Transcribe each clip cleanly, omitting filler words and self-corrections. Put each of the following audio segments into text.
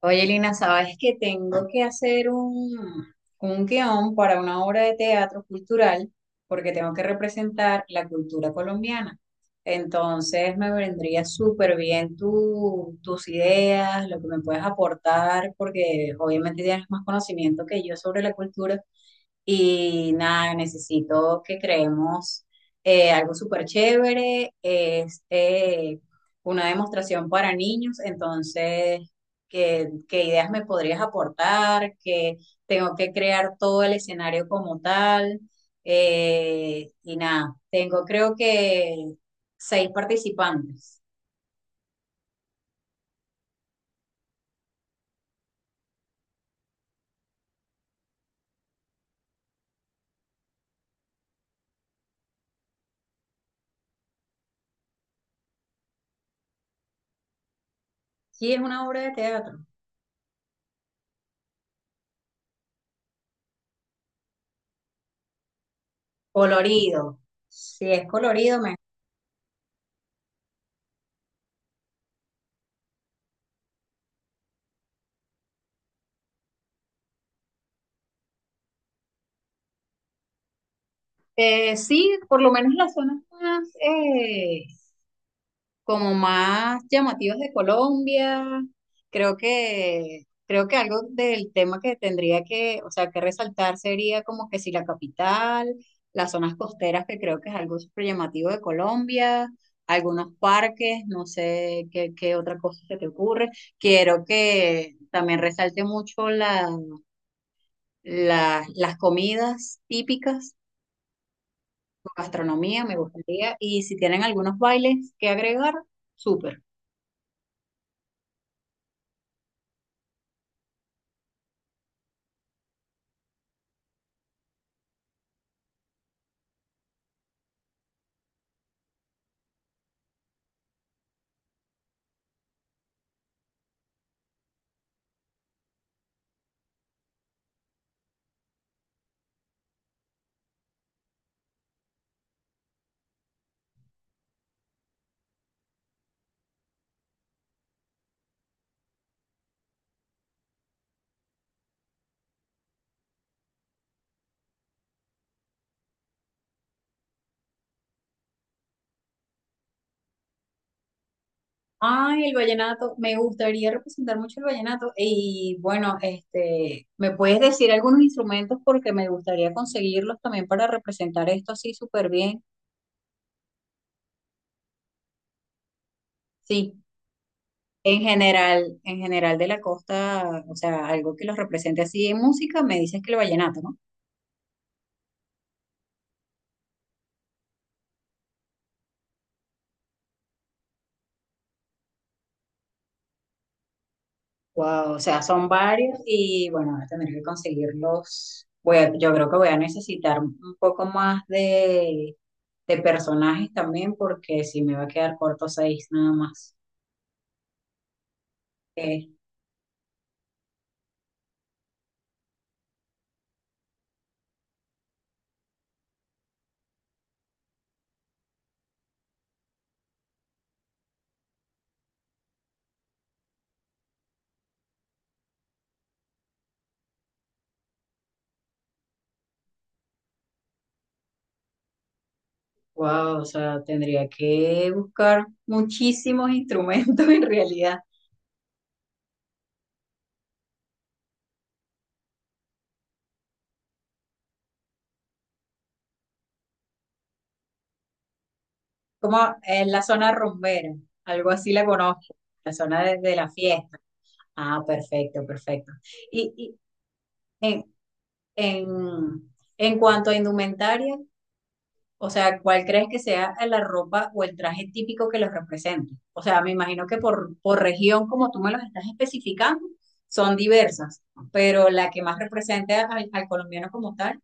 Oye, Lina, sabes que tengo que hacer un guión para una obra de teatro cultural porque tengo que representar la cultura colombiana. Entonces me vendría súper bien tus ideas, lo que me puedes aportar, porque obviamente tienes más conocimiento que yo sobre la cultura. Y nada, necesito que creemos algo súper chévere. Es una demostración para niños. Entonces, ¿qué ideas me podrías aportar? Que tengo que crear todo el escenario como tal. Y nada, tengo creo que 6 participantes. Sí, es una obra de teatro. Colorido. Si es colorido, me... Sí, por lo menos la zona más como más llamativas de Colombia. Creo que algo del tema que tendría que, o sea, que resaltar sería como que si la capital, las zonas costeras, que creo que es algo súper llamativo de Colombia, algunos parques, no sé qué otra cosa se te ocurre. Quiero que también resalte mucho las comidas típicas, gastronomía, me gustaría. Y si tienen algunos bailes que agregar, súper. Ay, el vallenato, me gustaría representar mucho el vallenato y bueno, este, ¿me puedes decir algunos instrumentos porque me gustaría conseguirlos también para representar esto así súper bien? Sí, en general de la costa, o sea, algo que los represente así en música, me dices que el vallenato, ¿no? Wow, o sea, son varios y bueno, voy a tener que conseguirlos. Yo creo que voy a necesitar un poco más de personajes también porque si me va a quedar corto 6 nada más. Wow, o sea, tendría que buscar muchísimos instrumentos en realidad, como en la zona rumbera, algo así la conozco, la zona de la fiesta. Ah, perfecto, perfecto. Y en, en cuanto a indumentaria, o sea, ¿cuál crees que sea la ropa o el traje típico que los represente? O sea, me imagino que por región, como tú me los estás especificando, son diversas, pero la que más representa al al colombiano como tal.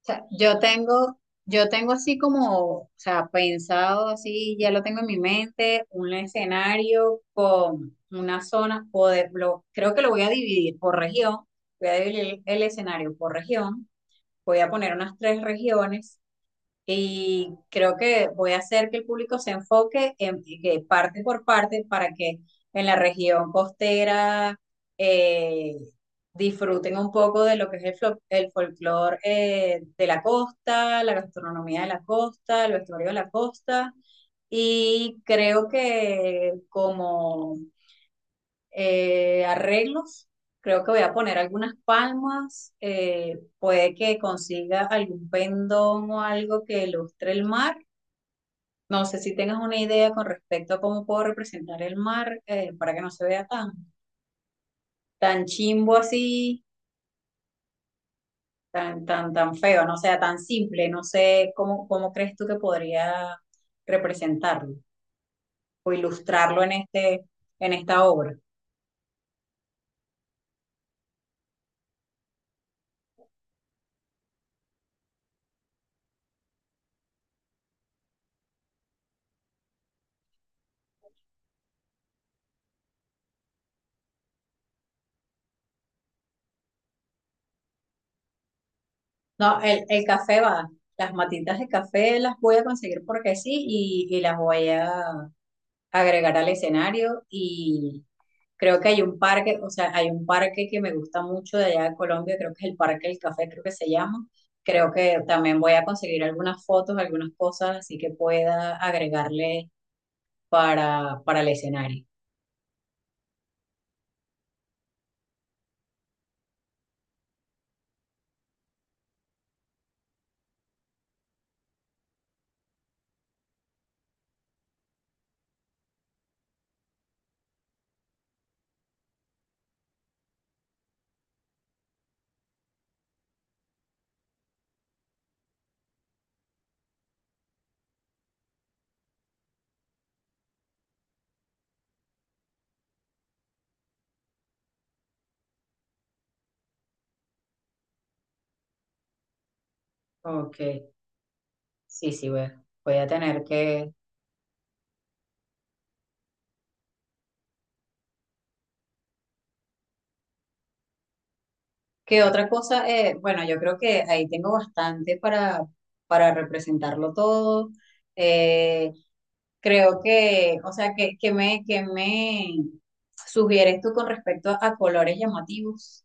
Sea, yo tengo así como, o sea, pensado así, ya lo tengo en mi mente, un escenario con una zona, o creo que lo voy a dividir por región, voy a dividir el escenario por región, voy a poner unas 3 regiones y creo que voy a hacer que el público se enfoque en que parte por parte para que en la región costera eh, disfruten un poco de lo que es el folclore de la costa, la gastronomía de la costa, el vestuario de la costa. Y creo que como arreglos, creo que voy a poner algunas palmas, puede que consiga algún pendón o algo que ilustre el mar. No sé si tengas una idea con respecto a cómo puedo representar el mar para que no se vea tan, tan chimbo así, tan feo, no sea tan simple. No sé cómo crees tú que podría representarlo o ilustrarlo en este, en esta obra. No, el café va, las matitas de café las voy a conseguir porque sí y las voy a agregar al escenario. Creo que hay un parque, o sea, hay un parque que me gusta mucho de allá de Colombia, creo que es el Parque del Café, creo que se llama. Creo que también voy a conseguir algunas fotos, algunas cosas, así que pueda agregarle para el escenario. Ok, sí, sí, voy, voy a tener que, ¿qué otra cosa? Bueno, yo creo que ahí tengo bastante para representarlo todo. Eh, Creo que, o sea, que me sugieres tú con respecto a colores llamativos.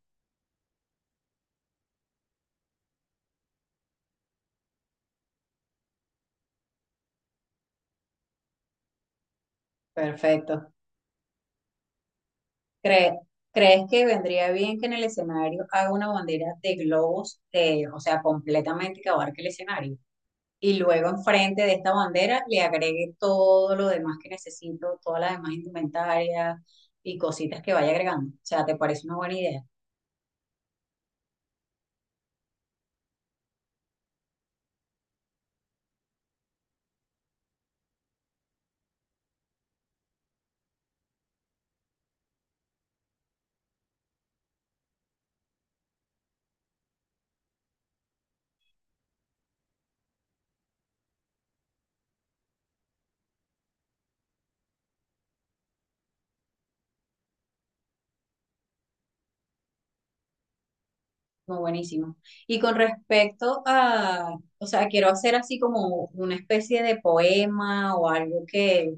Perfecto. Cre- ¿Crees que vendría bien que en el escenario haga una bandera de globos, o sea, completamente que abarque el escenario, y luego enfrente de esta bandera le agregue todo lo demás que necesito, todas las demás indumentarias y cositas que vaya agregando? O sea, ¿te parece una buena idea? Muy buenísimo. Y con respecto a, o sea, quiero hacer así como una especie de poema o algo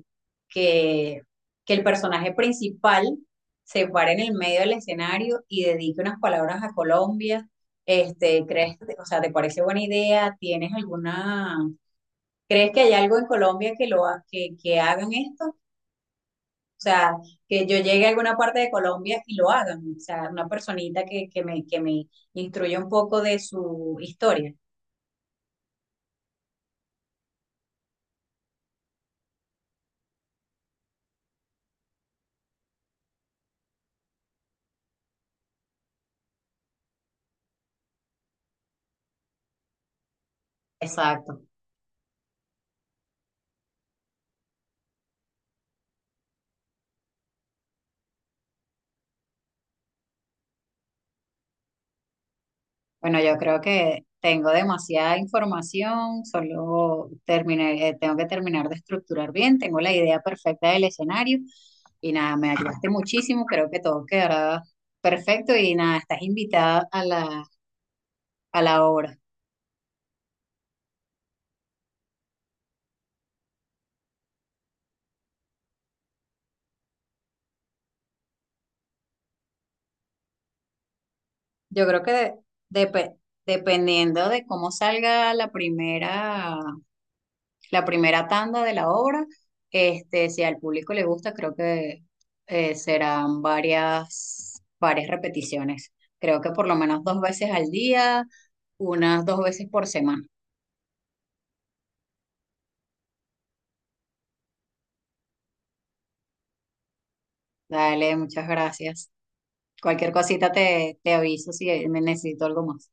que, que el personaje principal se pare en el medio del escenario y dedique unas palabras a Colombia. Este, ¿crees, o sea, te parece buena idea? ¿Tienes alguna... ¿Crees que hay algo en Colombia que que hagan esto? O sea, que yo llegue a alguna parte de Colombia y lo hagan. O sea, una personita que me instruya un poco de su historia. Exacto. Bueno, yo creo que tengo demasiada información, solo terminé, tengo que terminar de estructurar bien, tengo la idea perfecta del escenario y nada, me ayudaste muchísimo, creo que todo quedará perfecto y nada, estás invitada a a la obra. Yo creo que depe- dependiendo de cómo salga la primera tanda de la obra, este, si al público le gusta, creo que serán varias repeticiones. Creo que por lo menos 2 veces al día, unas 2 veces por semana. Dale, muchas gracias. Cualquier cosita te aviso si me necesito algo más.